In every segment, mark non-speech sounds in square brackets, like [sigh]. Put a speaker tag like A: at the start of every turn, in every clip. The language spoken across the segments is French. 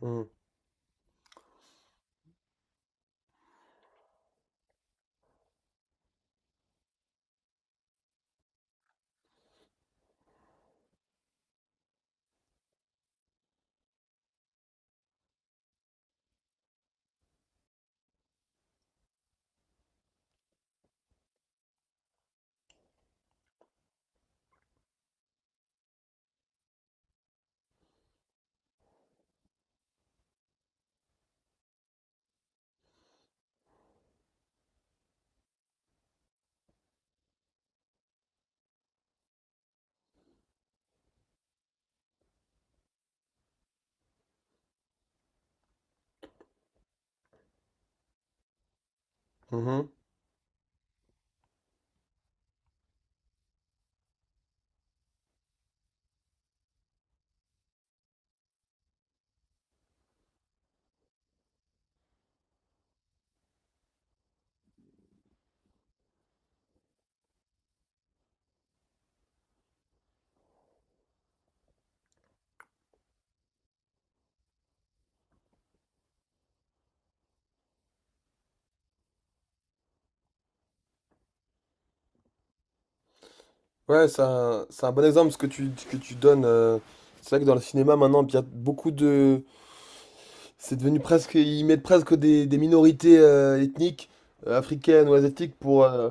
A: Mhm, mhm. Ouais, c'est un bon exemple ce que tu donnes. C'est vrai que dans le cinéma maintenant, il y a beaucoup de. C'est devenu presque. Ils mettent presque des minorités ethniques, africaines ou asiatiques, pour, euh,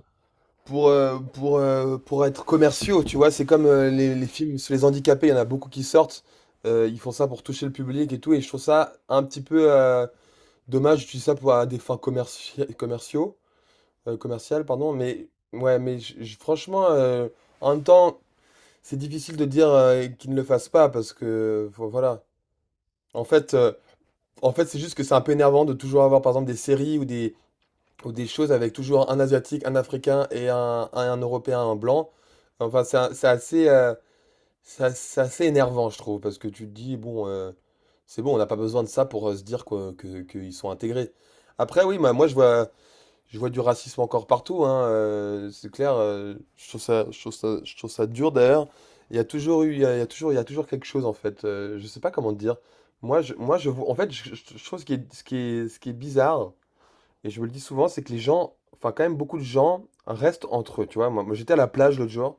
A: pour, euh, pour, euh, pour être commerciaux, tu vois. C'est comme les films sur les handicapés, il y en a beaucoup qui sortent. Ils font ça pour toucher le public et tout. Et je trouve ça un petit peu dommage d'utiliser ça pour à des fins commerciaux, commerciales, pardon. Mais ouais, mais franchement. En même temps, c'est difficile de dire qu'il ne le fasse pas parce que voilà. En fait, euh, en fait, c'est juste que c'est un peu énervant de toujours avoir par exemple des séries ou des choses avec toujours un Asiatique, un Africain et un Européen, un blanc. Enfin, c'est assez c'est assez énervant, je trouve, parce que tu te dis bon, c'est bon, on n'a pas besoin de ça pour se dire quoi, que qu'ils sont intégrés. Après, oui, moi je vois. Je vois du racisme encore partout, hein, c'est clair. Je trouve ça dur d'ailleurs. Il y a toujours eu, il y a toujours quelque chose en fait. Je sais pas comment te dire. Moi, je vois. En fait, je trouve ce qui est bizarre, et je me le dis souvent, c'est que les gens, enfin quand même beaucoup de gens restent entre eux. Tu vois, moi, j'étais à la plage l'autre jour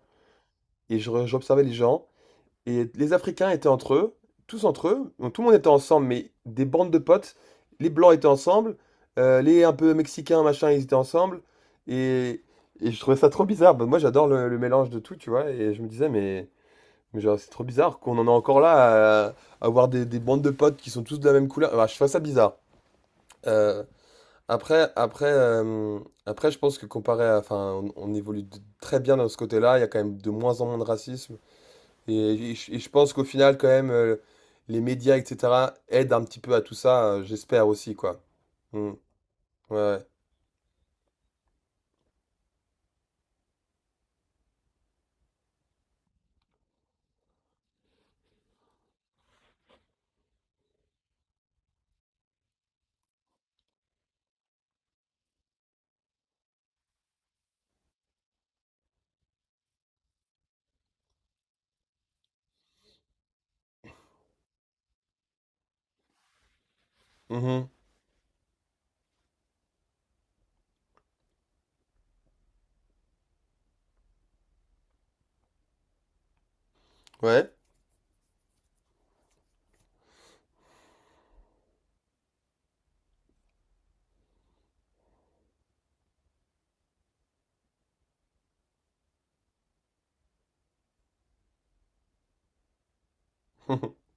A: et j'observais les gens. Et les Africains étaient entre eux, tous entre eux, donc tout le monde était ensemble, mais des bandes de potes. Les Blancs étaient ensemble, les un peu Mexicains, machin, ils étaient ensemble. Et, et je trouvais ça trop bizarre. Bah, moi, j'adore le mélange de tout, tu vois. Et je me disais, mais genre, c'est trop bizarre qu'on en est encore là à avoir des bandes de potes qui sont tous de la même couleur. Bah, je trouve ça bizarre. Euh, après, après, euh, Après, je pense que comparé à. Enfin, on évolue très bien dans ce côté-là. Il y a quand même de moins en moins de racisme. Et, et je pense qu'au final, quand même, les médias, etc., aident un petit peu à tout ça, j'espère aussi, quoi. Mm. Ouais, ouais. Mhm. Ouais. [laughs]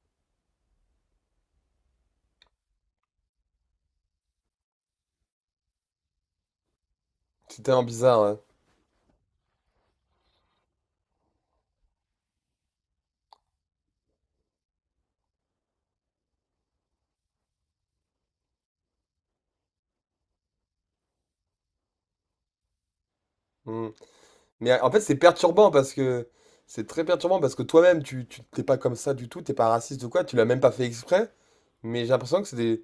A: C'est tellement bizarre, ouais. Mm. Mais en fait, c'est perturbant parce que. C'est très perturbant parce que toi-même, tu t'es pas comme ça du tout, t'es pas raciste ou quoi, tu l'as même pas fait exprès, mais j'ai l'impression que c'est des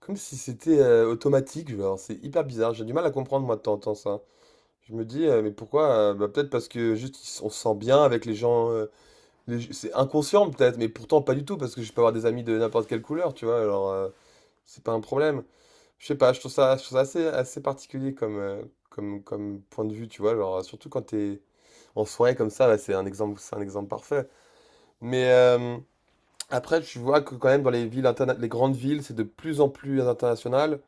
A: comme si c'était automatique, genre, c'est hyper bizarre, j'ai du mal à comprendre moi de temps en temps ça. Je me dis, mais pourquoi? Bah, peut-être parce que juste on se sent bien avec les gens. Mais c'est inconscient peut-être, mais pourtant pas du tout, parce que je peux avoir des amis de n'importe quelle couleur, tu vois, alors c'est pas un problème. Je sais pas, je trouve ça assez particulier comme, comme point de vue, tu vois, genre, surtout quand t'es en soirée comme ça, bah, c'est un exemple parfait. Mais après, tu vois que quand même dans les villes les grandes villes, c'est de plus en plus international,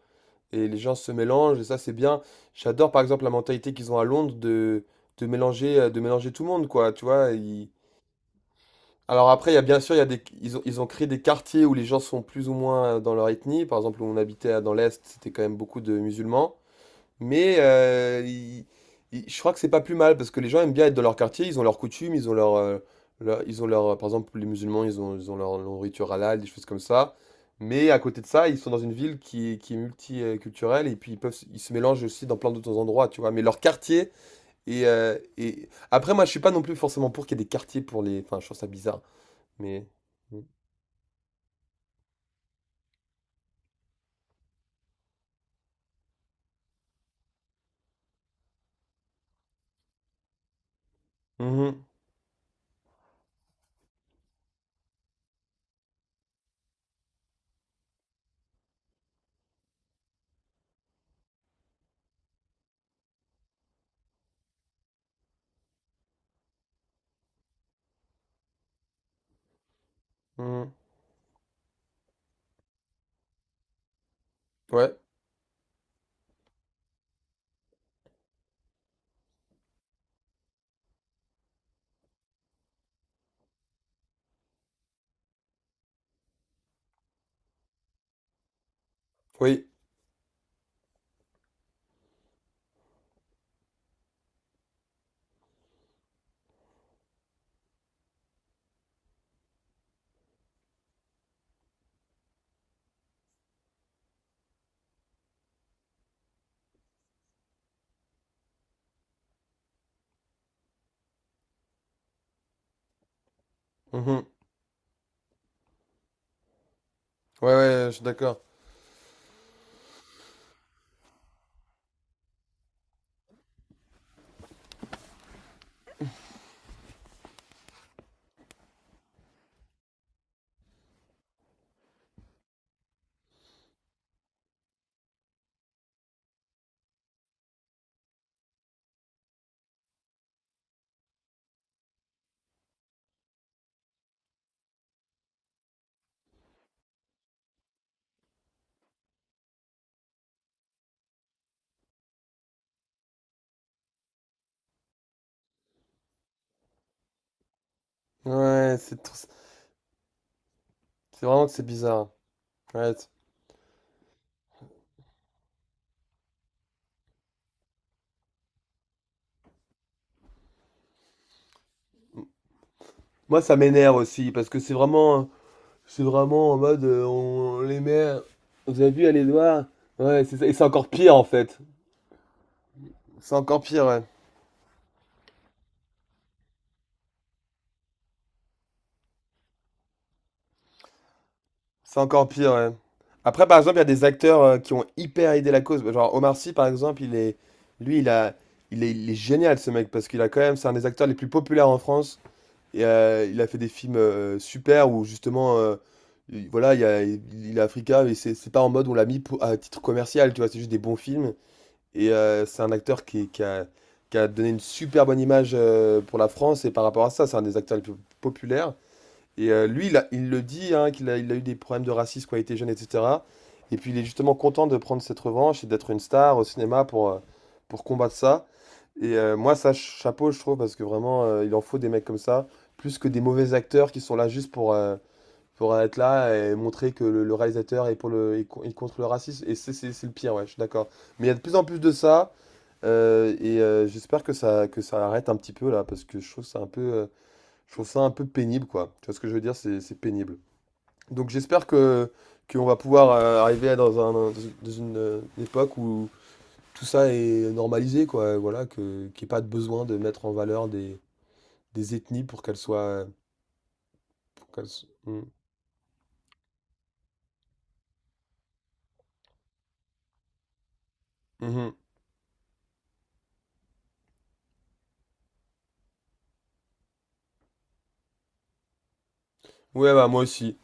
A: et les gens se mélangent, et ça c'est bien. J'adore par exemple la mentalité qu'ils ont à Londres de mélanger tout le monde, quoi, tu vois, Alors après, il y a bien sûr, il y a des, ils ont créé des quartiers où les gens sont plus ou moins dans leur ethnie. Par exemple, où on habitait dans l'Est, c'était quand même beaucoup de musulmans. Mais je crois que c'est pas plus mal parce que les gens aiment bien être dans leur quartier. Ils ont leurs coutumes, par exemple, les musulmans, ils ont leur nourriture halal, des choses comme ça. Mais à côté de ça, ils sont dans une ville qui est multiculturelle et puis ils se mélangent aussi dans plein d'autres endroits, tu vois. Mais leur quartier et après, moi, je suis pas non plus forcément pour qu'il y ait des quartiers pour les. Enfin, je trouve ça bizarre. Mais. Mm. Mhm, mhm. Ouais, oui. Mhm. Ouais, ouais, je suis d'accord. Ouais, c'est vraiment que c'est bizarre. Ouais. Moi, ça m'énerve aussi, parce que c'est vraiment en mode, on les met, vous avez vu, allez voir. Ouais, c'est ça. Et c'est encore pire, en fait. C'est encore pire, ouais. C'est encore pire, ouais. Après, par exemple, il y a des acteurs qui ont hyper aidé la cause. Genre Omar Sy, par exemple, lui, il a, il est génial, ce mec, parce qu'il a quand même, c'est un des acteurs les plus populaires en France. Et, il a fait des films, super où justement, i voilà, il y a il est africain mais c'est pas en mode on l'a mis pou à titre commercial, tu vois? C'est juste des bons films et c'est un acteur qui a donné une super bonne image, pour la France et par rapport à ça, c'est un des acteurs les plus populaires et lui, il le dit, hein, il a eu des problèmes de racisme quand il était jeune, etc. Et puis il est justement content de prendre cette revanche et d'être une star au cinéma pour combattre ça. Et moi, ça, chapeau, je trouve, parce que vraiment, il en faut des mecs comme ça, plus que des mauvais acteurs qui sont là juste pour être là et montrer que le réalisateur est, pour le, est co- est contre le racisme. Et c'est le pire, ouais, je suis d'accord. Mais il y a de plus en plus de ça, et j'espère que ça arrête un petit peu là, parce que je trouve que c'est un peu. Je trouve ça un peu pénible, quoi. Tu vois ce que je veux dire? C'est pénible. Donc j'espère que qu'on va pouvoir arriver à dans un, dans une, époque où tout ça est normalisé, quoi. Voilà, que qu'il n'y ait pas de besoin de mettre en valeur des ethnies Mm. Mhm. Ouais, bah moi aussi.